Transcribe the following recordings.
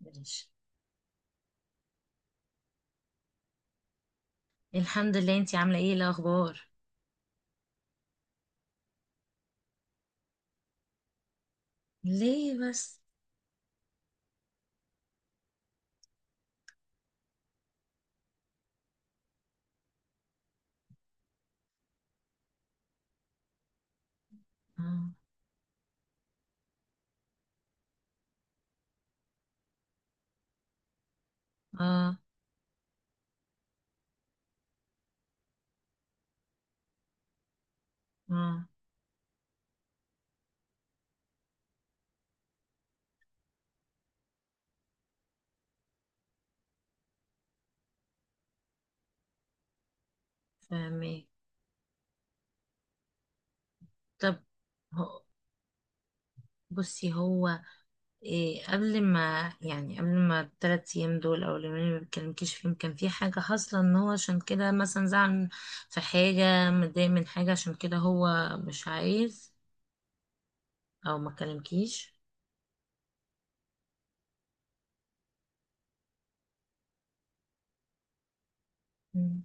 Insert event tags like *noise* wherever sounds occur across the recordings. ماشي. الحمد لله، انتي عاملة ايه؟ إيه الأخبار؟ ليه بس؟ اه. اه. اه. فاهمة. طب هو، بصي، هو إيه قبل ما، يعني قبل ما التلات أيام دول أو اليومين اللي ما بتكلمكيش فيهم، كان في حاجة حاصلة إن هو عشان كده مثلا زعل؟ في حاجة متضايق من حاجة عشان كده هو مش عايز أو ما كلمكيش؟ مم.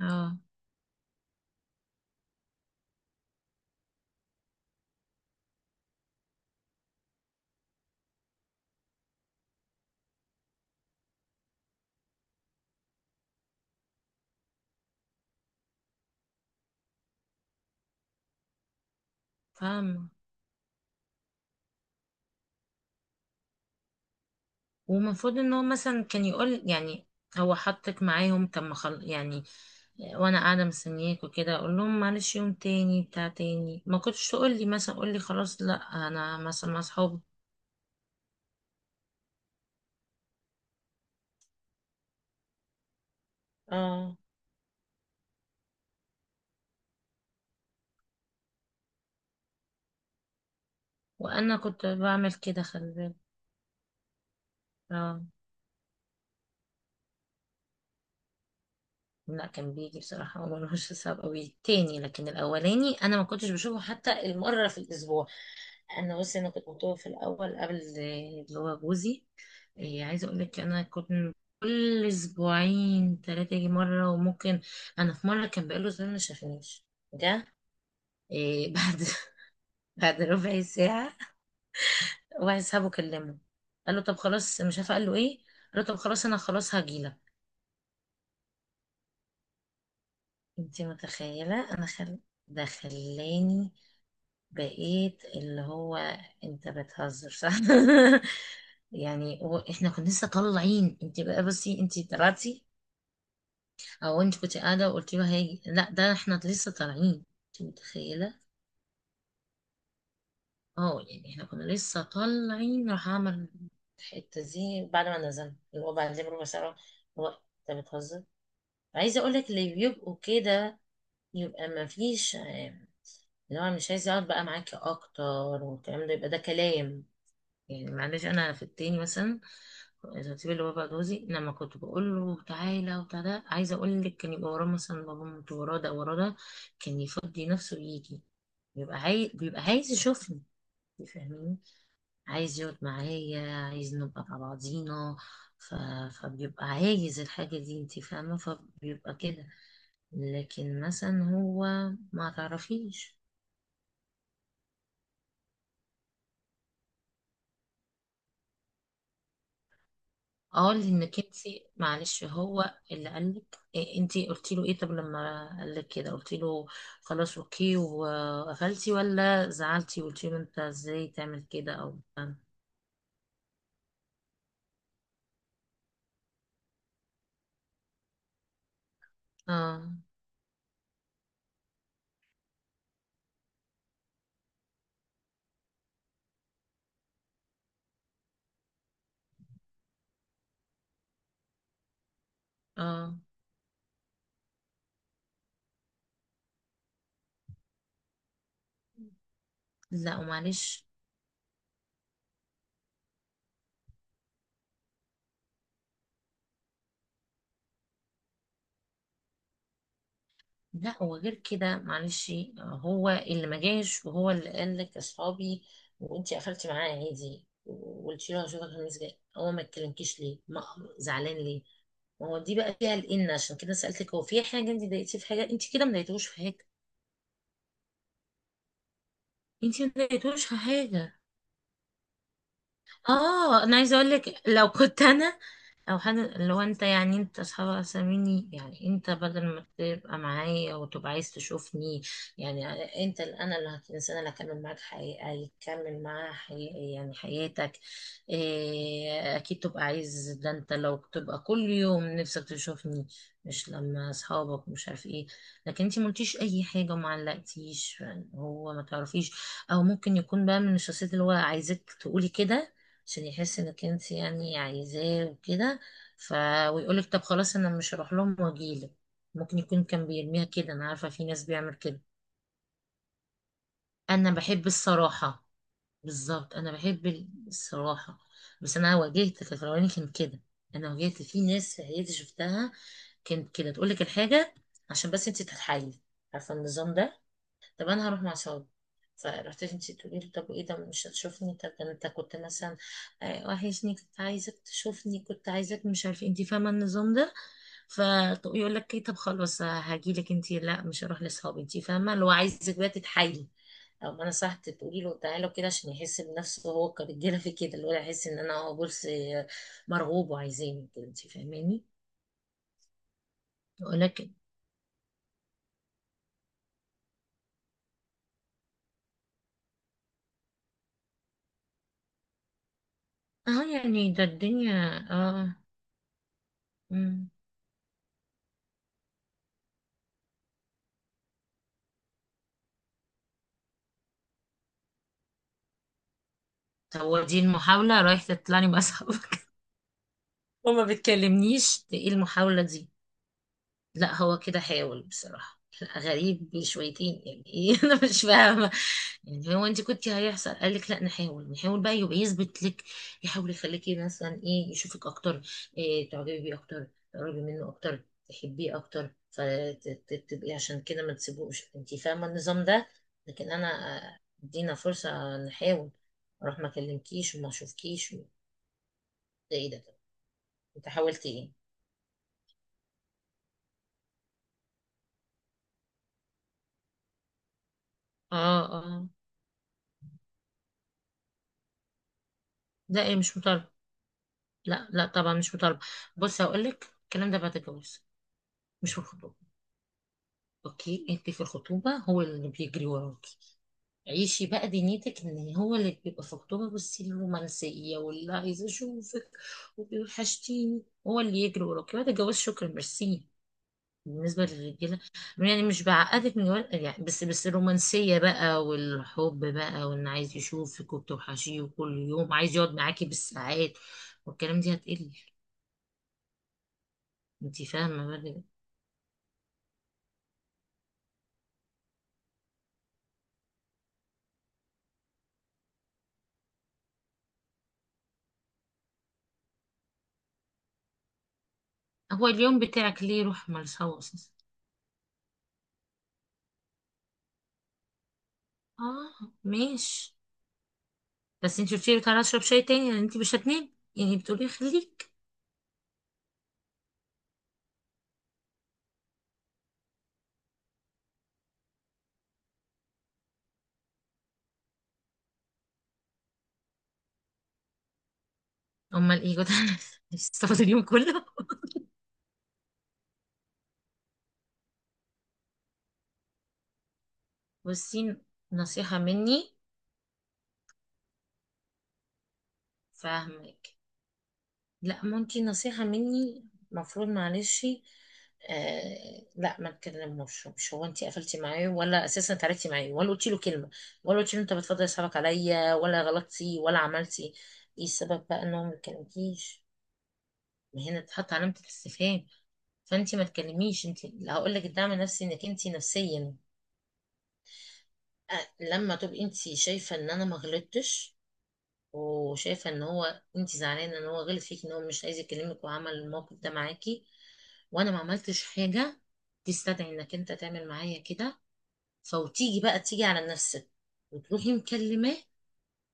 اه. فاهمة. ومفروض إن هو مثلا كان يقول، يعني هو حطك معاهم، طب ما يعني وانا قاعده مستنياك وكده، اقول لهم معلش يوم تاني، بتاع تاني ما كنتش تقول لي مثلا؟ قول لي خلاص لا، انا مثلا مع اصحابي. اه. وانا كنت بعمل كده، خلي بالك. اه، لا كان بيجي بصراحه وملوش حساب قوي تاني، لكن الاولاني انا ما كنتش بشوفه حتى المره في الاسبوع. انا بصي، انا كنت مطوع في الاول قبل اللي هو جوزي. إيه، عايزه اقول لك انا كنت كل اسبوعين ثلاثه يجي مره، وممكن انا في مره كان بقاله زمان ما شافنيش، ده إيه بعد *laughs* بعد ربع ساعة واحد صاحبه كلمه، قال له طب خلاص مش عارفة قال له ايه، قال له طب خلاص انا خلاص هجيلك. انت متخيلة؟ انا ده خلاني بقيت اللي هو، انت بتهزر صح؟ *laughs* يعني هو احنا كنا لسه طالعين، انت بقى بصي انت طلعتي، او انت كنت قاعدة وقلت له هاجي؟ لا ده احنا لسه طالعين، انت متخيلة؟ اه يعني احنا كنا لسه طالعين، راح اعمل الحته دي بعد ما نزلنا اللي هو بعدين بربع ساعه. هو، انت بتهزر! عايزه اقول لك اللي بيبقوا كده يبقى ما فيش اللي هو مش عايز يقعد بقى معاكي اكتر، والكلام ده، يبقى ده كلام. يعني معلش، انا في التاني مثلا، الخطيب اللي هو بقى جوزي، لما كنت بقول له تعالى وبتاع ده، عايزه اقول لك كان يبقى وراه مثلا بابا موت، وراه ده، وراه ده، كان يفضي نفسه يجي. بيبقى عايز يشوفني، فاهمين، عايز يقعد معايا، عايز نبقى مع بعضينا، ف... فبيبقى عايز الحاجة دي، انت فاهمة؟ فبيبقى كده. لكن مثلا هو، ما تعرفيش. اه لانك انت، معلش، هو اللي قالك إيه؟ انت قلتي له ايه؟ طب لما قالك كده قلتي له خلاص اوكي وقفلتي، ولا زعلتي وقلتي له انت ازاي تعمل كده، او؟ اه. اه. لا ومعلش. لا وغير كده، معلش، هو اللي ما جاش وهو اللي قال لك اصحابي، وانتي قفلتي معاه عادي وقلتي له هشوفك الخميس جاي، هو ما اتكلمكيش ليه؟ ما زعلان ليه؟ ما هو دي بقى فيها الان، عشان كده سالتك، هو في حاجه انت ضايقتيه في حاجه؟ انت كده ما ضايقتوش في حاجه؟ انت ما ضايقتوش في حاجه. اه، انا عايزه اقول لك، لو كنت انا او حد، لو انت يعني انت اصحابك اساميني، يعني انت بدل ما تبقى معايا وتبقى عايز تشوفني، يعني انت اللي الانسان اللي هكمل معاك حقيقة، يكمل معاه حقيقي يعني حياتك، إيه اكيد تبقى عايز ده، انت لو تبقى كل يوم نفسك تشوفني، مش لما اصحابك مش عارف ايه. لكن انت ملتيش اي حاجة وما علقتيش، يعني هو ما تعرفيش، او ممكن يكون بقى من الشخصيات اللي هو عايزك تقولي كده عشان يحس انك انت يعني عايزاه وكده، ف ويقول لك طب خلاص انا مش هروح لهم واجيلك. ممكن يكون كان بيرميها كده، انا عارفه في ناس بيعمل كده. انا بحب الصراحه. بالظبط، انا بحب الصراحه. بس انا واجهت في الاولاني كان كده، انا واجهت في ناس في عيلتي شفتها كانت كده، تقول لك الحاجه عشان بس انت تتحايلي. عارفه النظام ده؟ طب انا هروح مع صحابي، فرحت انت تقولي لي طب وايه ده؟ مش هتشوفني؟ طب ده انت كنت مثلا وحشني، كنت عايزك تشوفني، كنت عايزك، مش عارف، انت فاهمه النظام ده؟ فيقول لك ايه؟ طب خلاص هاجي لك انت، لا مش هروح لاصحابي. انت فاهمه؟ اللي هو عايزك بقى تتحايلي. او ما انا صح، تقولي له تعالى كده عشان يحس بنفسه هو كرجاله في كده، اللي هو يحس ان انا، هو بولس مرغوب وعايزيني كده. انت فاهماني؟ يقول لك، اه يعني ده الدنيا. اه. مم. هو دي المحاولة، رايح تطلعني مع صحابك *laughs* وما بتكلمنيش، ايه المحاولة دي؟ لا هو كده حاول بصراحة، لا غريب شويتين، يعني ايه *laughs* انا مش فاهمة. يعني هو انت كنت هيحصل قال لك لا نحاول، نحاول بقى يبقى يثبت لك، يحاول يخليكي مثلا ايه، يشوفك اكتر، إيه تعجبي بيه اكتر، تقربي منه اكتر، تحبيه اكتر، فتبقي عشان كده ما تسيبوش، انت فاهمة النظام ده؟ لكن انا ادينا فرصة نحاول، اروح ما اكلمكيش وما اشوفكيش، ده ايه ده؟ طب انت حاولت ايه؟ اه. اه. لا ايه مش مطالبة، لا لا طبعا مش مطالبة. بص هقول لك، الكلام ده بعد الجواز، مش في الخطوبة. اوكي، انت في الخطوبة هو اللي بيجري وراكي. عيشي بقى دنيتك ان هو اللي بيبقى في الخطوبة، بصي، الرومانسية واللي عايز اشوفك وبيوحشتيني. هو اللي يجري وراكي بعد الجواز؟ شكرا، ميرسي. بالنسبة للرجالة يعني، مش بعقدك من جوال يعني، بس بس الرومانسية بقى والحب بقى، وإن عايز يشوفك وبتوحشيه وكل يوم عايز يقعد معاكي بالساعات، والكلام دي هتقل. انتي فاهمة بقى كده؟ هو اليوم بتاعك ليه؟ روح، مالهاش هوا أساسا. اه ماشي، بس انتي قلتيلي تعالى اشرب شاي تاني، يعني انتي مش هتنامي يعني، بتقولي خليك. امال ايه كنت! *laughs* هتستفاد اليوم كله. بصي، نصيحة مني، فاهمك، لا ما انتي، نصيحة مني، مفروض معلش، آه لا ما تكلموش. مش هو انتي قفلتي معاه، ولا اساسا اتعرفتي معاه، ولا قلتي له كلمة، ولا قلتي له انت بتفضل اصحابك عليا، ولا غلطتي، ولا عملتي. ايه السبب بقى ان هو ما يكلمكيش؟ ما هنا تحط علامة الاستفهام. فانتي ما تكلميش. انتي هقول لك الدعم النفسي، انك انتي نفسيا لما تبقي انتي شايفة ان انا ما غلطتش، وشايفه ان هو، انت زعلانه ان هو غلط فيك، ان هو مش عايز يكلمك وعمل الموقف ده معاكي، وانا ما عملتش حاجه تستدعي انك انت تعمل معايا كده، فوتيجي بقى تيجي على نفسك وتروحي مكلماه،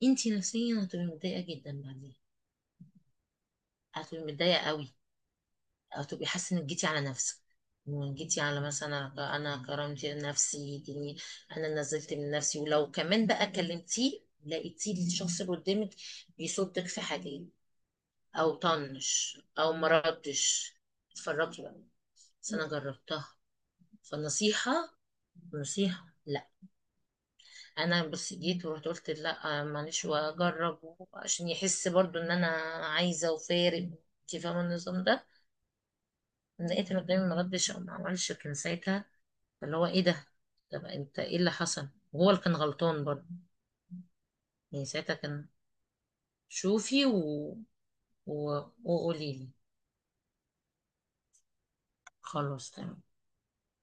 انت نفسيا هتبقي متضايقه جدا بعدين. هتبقي متضايقه قوي، هتبقي حاسه انك جيتي على نفسك وجيتي على مثلا، انا كرمت نفسي دي، انا نزلت من نفسي، ولو كمان بقى كلمتيه لقيتيه الشخص اللي قدامك بيصدك في حاجه او طنش او مردش، اتفرجي بقى. بس انا جربتها، فالنصيحة، نصيحة لا. انا بس جيت ورحت قلت لا معلش واجرب عشان يحس برضو ان انا عايزة وفارق، انت فاهمة النظام ده؟ لقيت ان قدامي ما ردش او ما عملش، كان ساعتها اللي هو ايه ده؟ طب انت ايه اللي حصل؟ وهو اللي كان غلطان برضو. يعني ساعتها كان، شوفي و... وقولي لي خلاص تمام.